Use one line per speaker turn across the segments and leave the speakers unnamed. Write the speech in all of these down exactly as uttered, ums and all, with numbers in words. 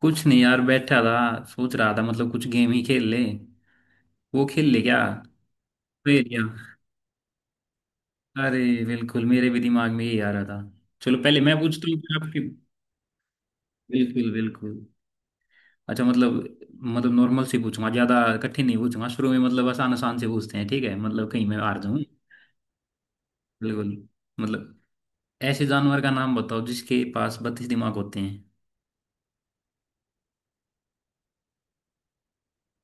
कुछ नहीं यार, बैठा था। सोच रहा था मतलब कुछ गेम ही खेल ले। वो खेल ले क्या। पहेलियाँ। अरे, बिल्कुल मेरे भी दिमाग में ये आ रहा था। चलो पहले मैं पूछता हूँ, फिर आपकी। बिल्कुल बिल्कुल। अच्छा मतलब, मतलब नॉर्मल से पूछूंगा। ज्यादा कठिन नहीं पूछूंगा शुरू में, मतलब आसान आसान से पूछते हैं। ठीक है मतलब कहीं मैं हार जाऊं। बिल्कुल। मतलब ऐसे जानवर का नाम बताओ जिसके पास बत्तीस दिमाग होते हैं।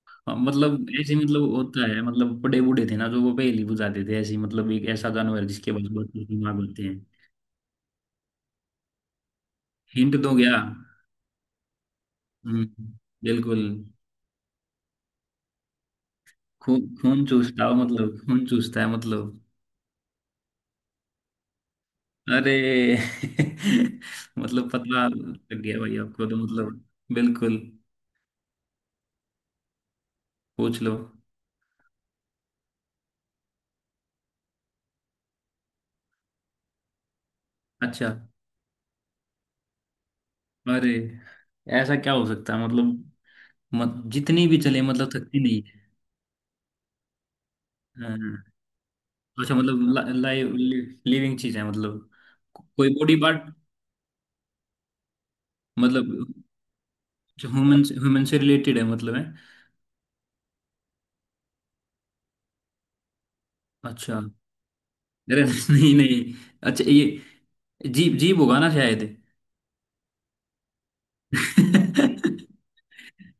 हाँ, मतलब ऐसे मतलब होता है। मतलब बड़े बूढ़े थे ना, जो वो पहेली बुझाते थे ऐसे। मतलब एक ऐसा जानवर जिसके पास बत्तीस दिमाग होते हैं। हिंट दो क्या। हम्म। बिल्कुल। खून खून चूसता हो मतलब। खून चूसता है मतलब। अरे मतलब पता लग गया भाई आपको तो मतलब। बिल्कुल। पूछ लो। अच्छा। अरे, ऐसा क्या हो सकता है मतलब। मत, जितनी भी चले मतलब थकती नहीं है। हाँ। अच्छा मतलब लाइव, लिविंग चीज है मतलब। को- कोई बॉडी पार्ट। मतलब ह्यूमन, ह्यूमन से रिलेटेड है मतलब, है। अच्छा। अरे नहीं नहीं। अच्छा ये जीप, जीप होगा ना शायद।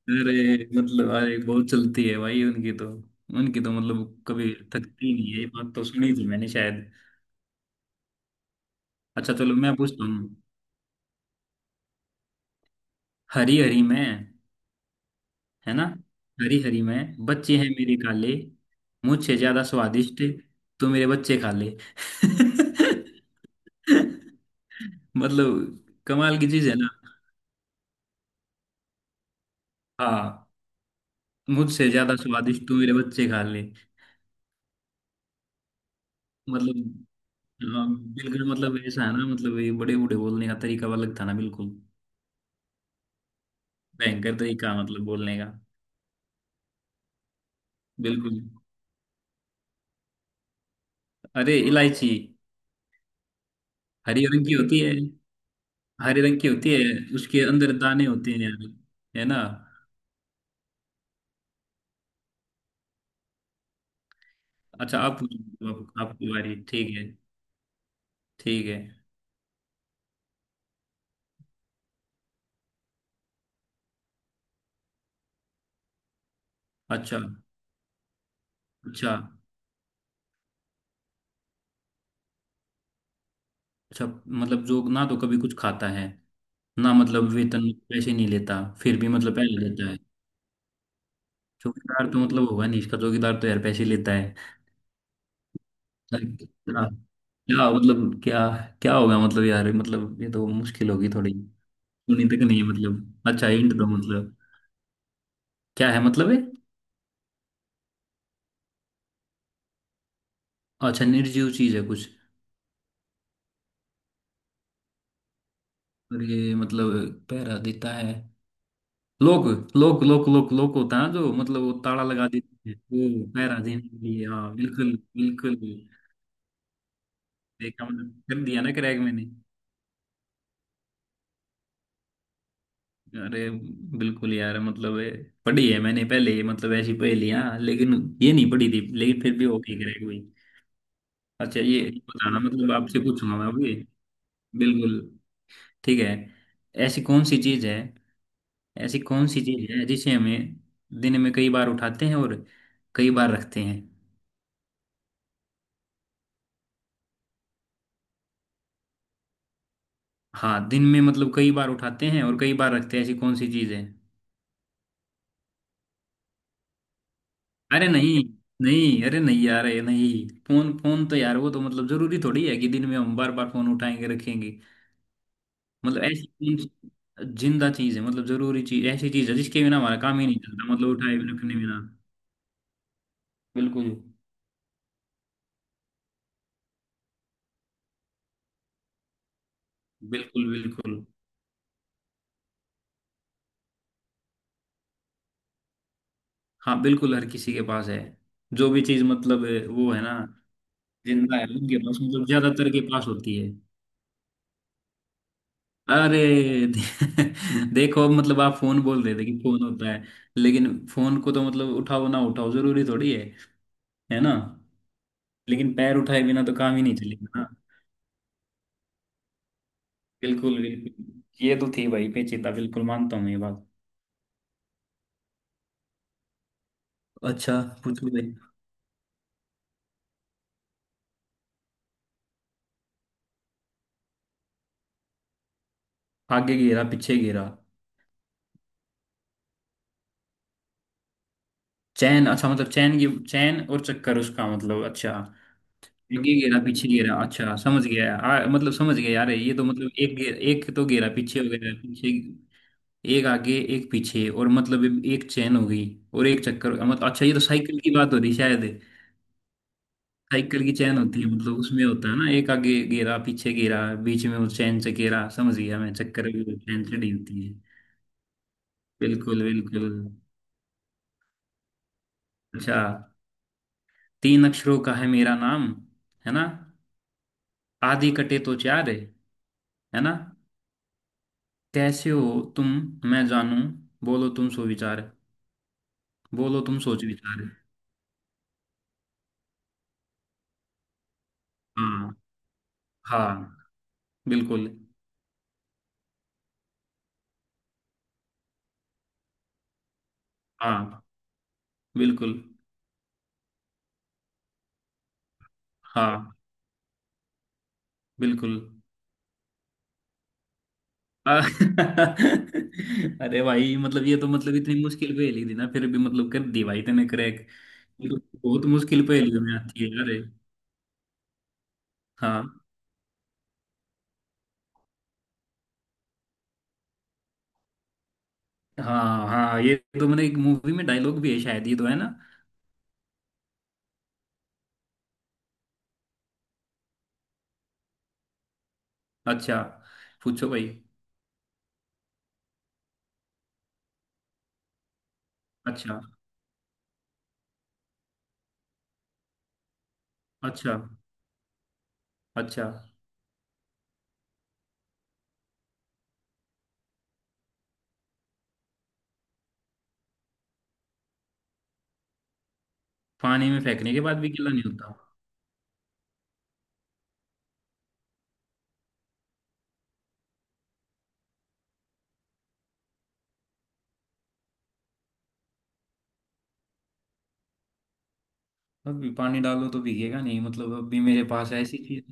अरे मतलब, अरे बहुत चलती है भाई उनकी तो। उनकी तो मतलब कभी थकती नहीं है, ये बात तो सुनी थी मैंने शायद। अच्छा चलो मैं पूछता हूँ। हरी हरी में, है ना। हरी हरी में बच्चे हैं मेरे काले। मुझसे ज्यादा स्वादिष्ट तो मेरे बच्चे खा ले। मतलब कमाल की चीज है ना। हाँ। मुझसे ज्यादा स्वादिष्ट तो मेरे बच्चे खा ले मतलब। हाँ, बिल्कुल। मतलब ऐसा है ना मतलब, ये बड़े बूढ़े बोलने का तरीका अलग था ना, बिल्कुल। भयंकर तरीका मतलब बोलने का। बिल्कुल। अरे, इलायची। हरी रंग की होती है, हरे रंग की होती है। उसके अंदर दाने होते हैं यार, है ना। अच्छा आप पूछो, आप- आपकी बारी। ठीक है। ठीक है। अच्छा, अच्छा, अच्छा। मतलब जो ना तो कभी कुछ खाता है, ना मतलब वेतन, पैसे नहीं लेता, फिर भी मतलब पहले देता है। चौकीदार तो मतलब होगा नहीं इसका, चौकीदार तो यार पैसे लेता है। यार क्या। क्या मतलब, क्या। क्या होगा मतलब यार, मतलब ये तो मुश्किल होगी थोड़ी। सुनी तक नहीं है मतलब। अच्छा इंट दो मतलब, क्या है मतलब ये। अच्छा, निर्जीव चीज है कुछ। और ये मतलब पहरा देता है। लोक, लोक लोक लोक लोक होता है जो मतलब, वो ताला लगा देते हैं वो पहरा देने के लिए। हाँ बिल्कुल बिल्कुल। देखा मतलब, कर दिया ना क्रैक मैंने। अरे, बिल्कुल यार मतलब ये पढ़ी है मैंने पहले, ये मतलब ऐसी पहेलियां। लेकिन ये नहीं पढ़ी थी, लेकिन फिर भी हो गई, क्रैक हुई। अच्छा ये बताना, मतलब आपसे पूछूंगा मैं अभी। बिल्कुल। ठीक है। ऐसी कौन सी चीज है। ऐसी कौन सी चीज है जिसे हमें दिन में कई बार उठाते हैं और कई बार रखते हैं। हाँ दिन में मतलब कई बार उठाते हैं और कई बार रखते हैं, ऐसी कौन सी चीज है। अरे नहीं, नहीं। अरे नहीं यार, ये नहीं। फोन, फोन तो यार वो तो मतलब जरूरी थोड़ी है कि दिन में हम बार बार फोन उठाएंगे रखेंगे। मतलब ऐसी कौन सी जिंदा चीज है मतलब, जरूरी चीज, ऐसी चीज है जिसके बिना हमारा काम ही नहीं चलता मतलब, उठाए बिना रखने बिना। बिल्कुल बिल्कुल बिल्कुल। हाँ बिल्कुल हर किसी के पास है। जो भी चीज मतलब है, वो है ना। जिंदा है उनके पास मतलब, ज्यादातर के पास होती है। अरे देखो अब मतलब, आप फोन बोल रहे थे कि फोन होता है, लेकिन फोन को तो मतलब उठाओ ना उठाओ जरूरी थोड़ी है है ना। लेकिन पैर उठाए बिना तो काम ही नहीं चलेगा ना। बिल्कुल बिल्कुल ये तो थी भाई पेचीदा, बिल्कुल मानता हूँ ये बात। अच्छा, पूछो भाई। आगे घेरा पीछे घेरा। चैन, अच्छा मतलब चैन की चैन और चक्कर उसका मतलब, अच्छा। आगे घेरा पीछे घेरा, अच्छा समझ गया। आ, मतलब समझ गया यार, ये तो मतलब एक घे- एक तो घेरा पीछे हो गया पीछे। एक आगे एक पीछे, और मतलब एक चैन हो गई और एक चक्कर हो गया मतलब, अच्छा ये तो साइकिल की बात हो रही शायद। साइकिल की चैन होती है मतलब, उसमें होता है ना एक आगे घेरा पीछे घेरा, बीच में वो चैन से घेरा, समझ गया मैं। चक्कर भी चैन चढ़ी होती है। बिल्कुल बिल्कुल। अच्छा, तीन अक्षरों का है मेरा नाम, है ना, आदि कटे तो चार है है ना। कैसे हो तुम, मैं जानू, बोलो तुम सो विचार। बोलो तुम सोच विचार। हाँ। हाँ। बिल्कुल। हाँ। बिल्कुल। हाँ। बिल्कुल। आ- अरे भाई मतलब ये तो मतलब इतनी मुश्किल पहेली थी ना, फिर भी मतलब कर दी भाई तूने क्रैक। बहुत मुश्किल पहेलियों में आती है यार ये। हाँ हाँ हाँ, ये तो मैंने एक मूवी में डायलॉग भी है शायद ये तो, है ना। अच्छा, पूछो भाई। अच्छा अच्छा अच्छा। पानी में फेंकने के बाद भी गीला नहीं होता। अभी पानी डालो तो भीगेगा नहीं मतलब, अभी मेरे पास ऐसी चीज।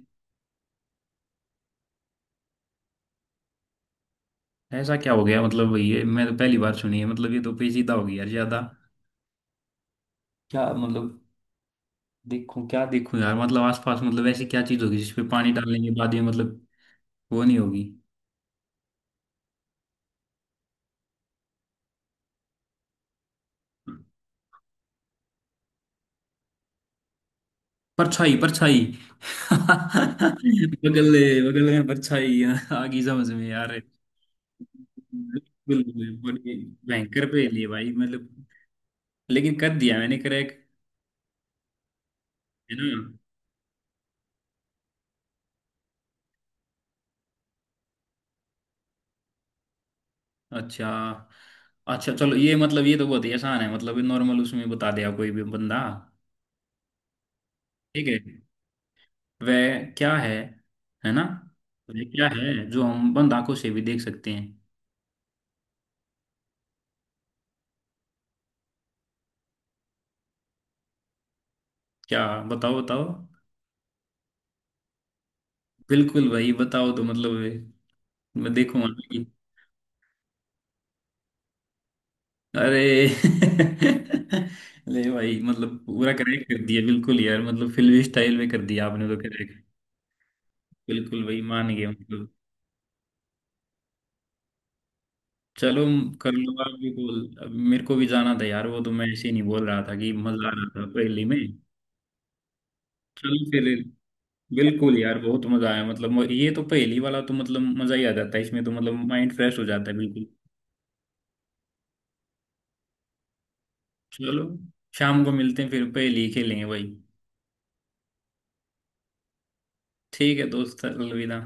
ऐसा क्या हो गया मतलब, ये मैं तो पहली बार सुनी है मतलब, ये तो पेचीदा हो गया यार ज्यादा। क्या मतलब। देखो क्या देखो यार मतलब, आसपास मतलब ऐसी क्या चीज होगी जिसपे पानी डालने के बाद ये मतलब वो नहीं होगी। परछाई, परछाई। बगल, बगल में परछाई है, आगी समझ में यार। बिल्कुल, बड़ी भयंकर पहेली है भाई मतलब, लेकिन कर दिया मैंने क्रैक। है ना। अच्छा, अच्छा चलो ये मतलब ये तो बहुत ही आसान है मतलब, नॉर्मल उसमें बता दिया कोई भी बंदा। ठीक है, वह क्या है है ना। वह क्या है जो हम बंद आंखों से भी देख सकते हैं। क्या। बताओ, बताओ। बिल्कुल भाई बताओ तो मतलब, मैं देखूंगा। अरे ले भाई, मतलब पूरा करेक्ट कर दिया बिल्कुल यार मतलब, फिल्मी स्टाइल में कर दिया आपने तो करेक्ट। बिल्कुल भाई मान गया मतलब। चलो कर लो, आप भी बोल। अब मेरे को भी जाना था यार, वो तो मैं ऐसे ही नहीं बोल रहा था कि मजा आ रहा था पहेली में। चलो फिर। बिल्कुल यार, बहुत मजा आया मतलब। म- ये तो पहेली वाला तो मतलब मजा ही आ जाता है इसमें तो, मतलब माइंड फ्रेश हो जाता है बिल्कुल। चलो शाम को मिलते हैं फिर, पहेली खेलेंगे भाई। ठीक है दोस्त, अलविदा।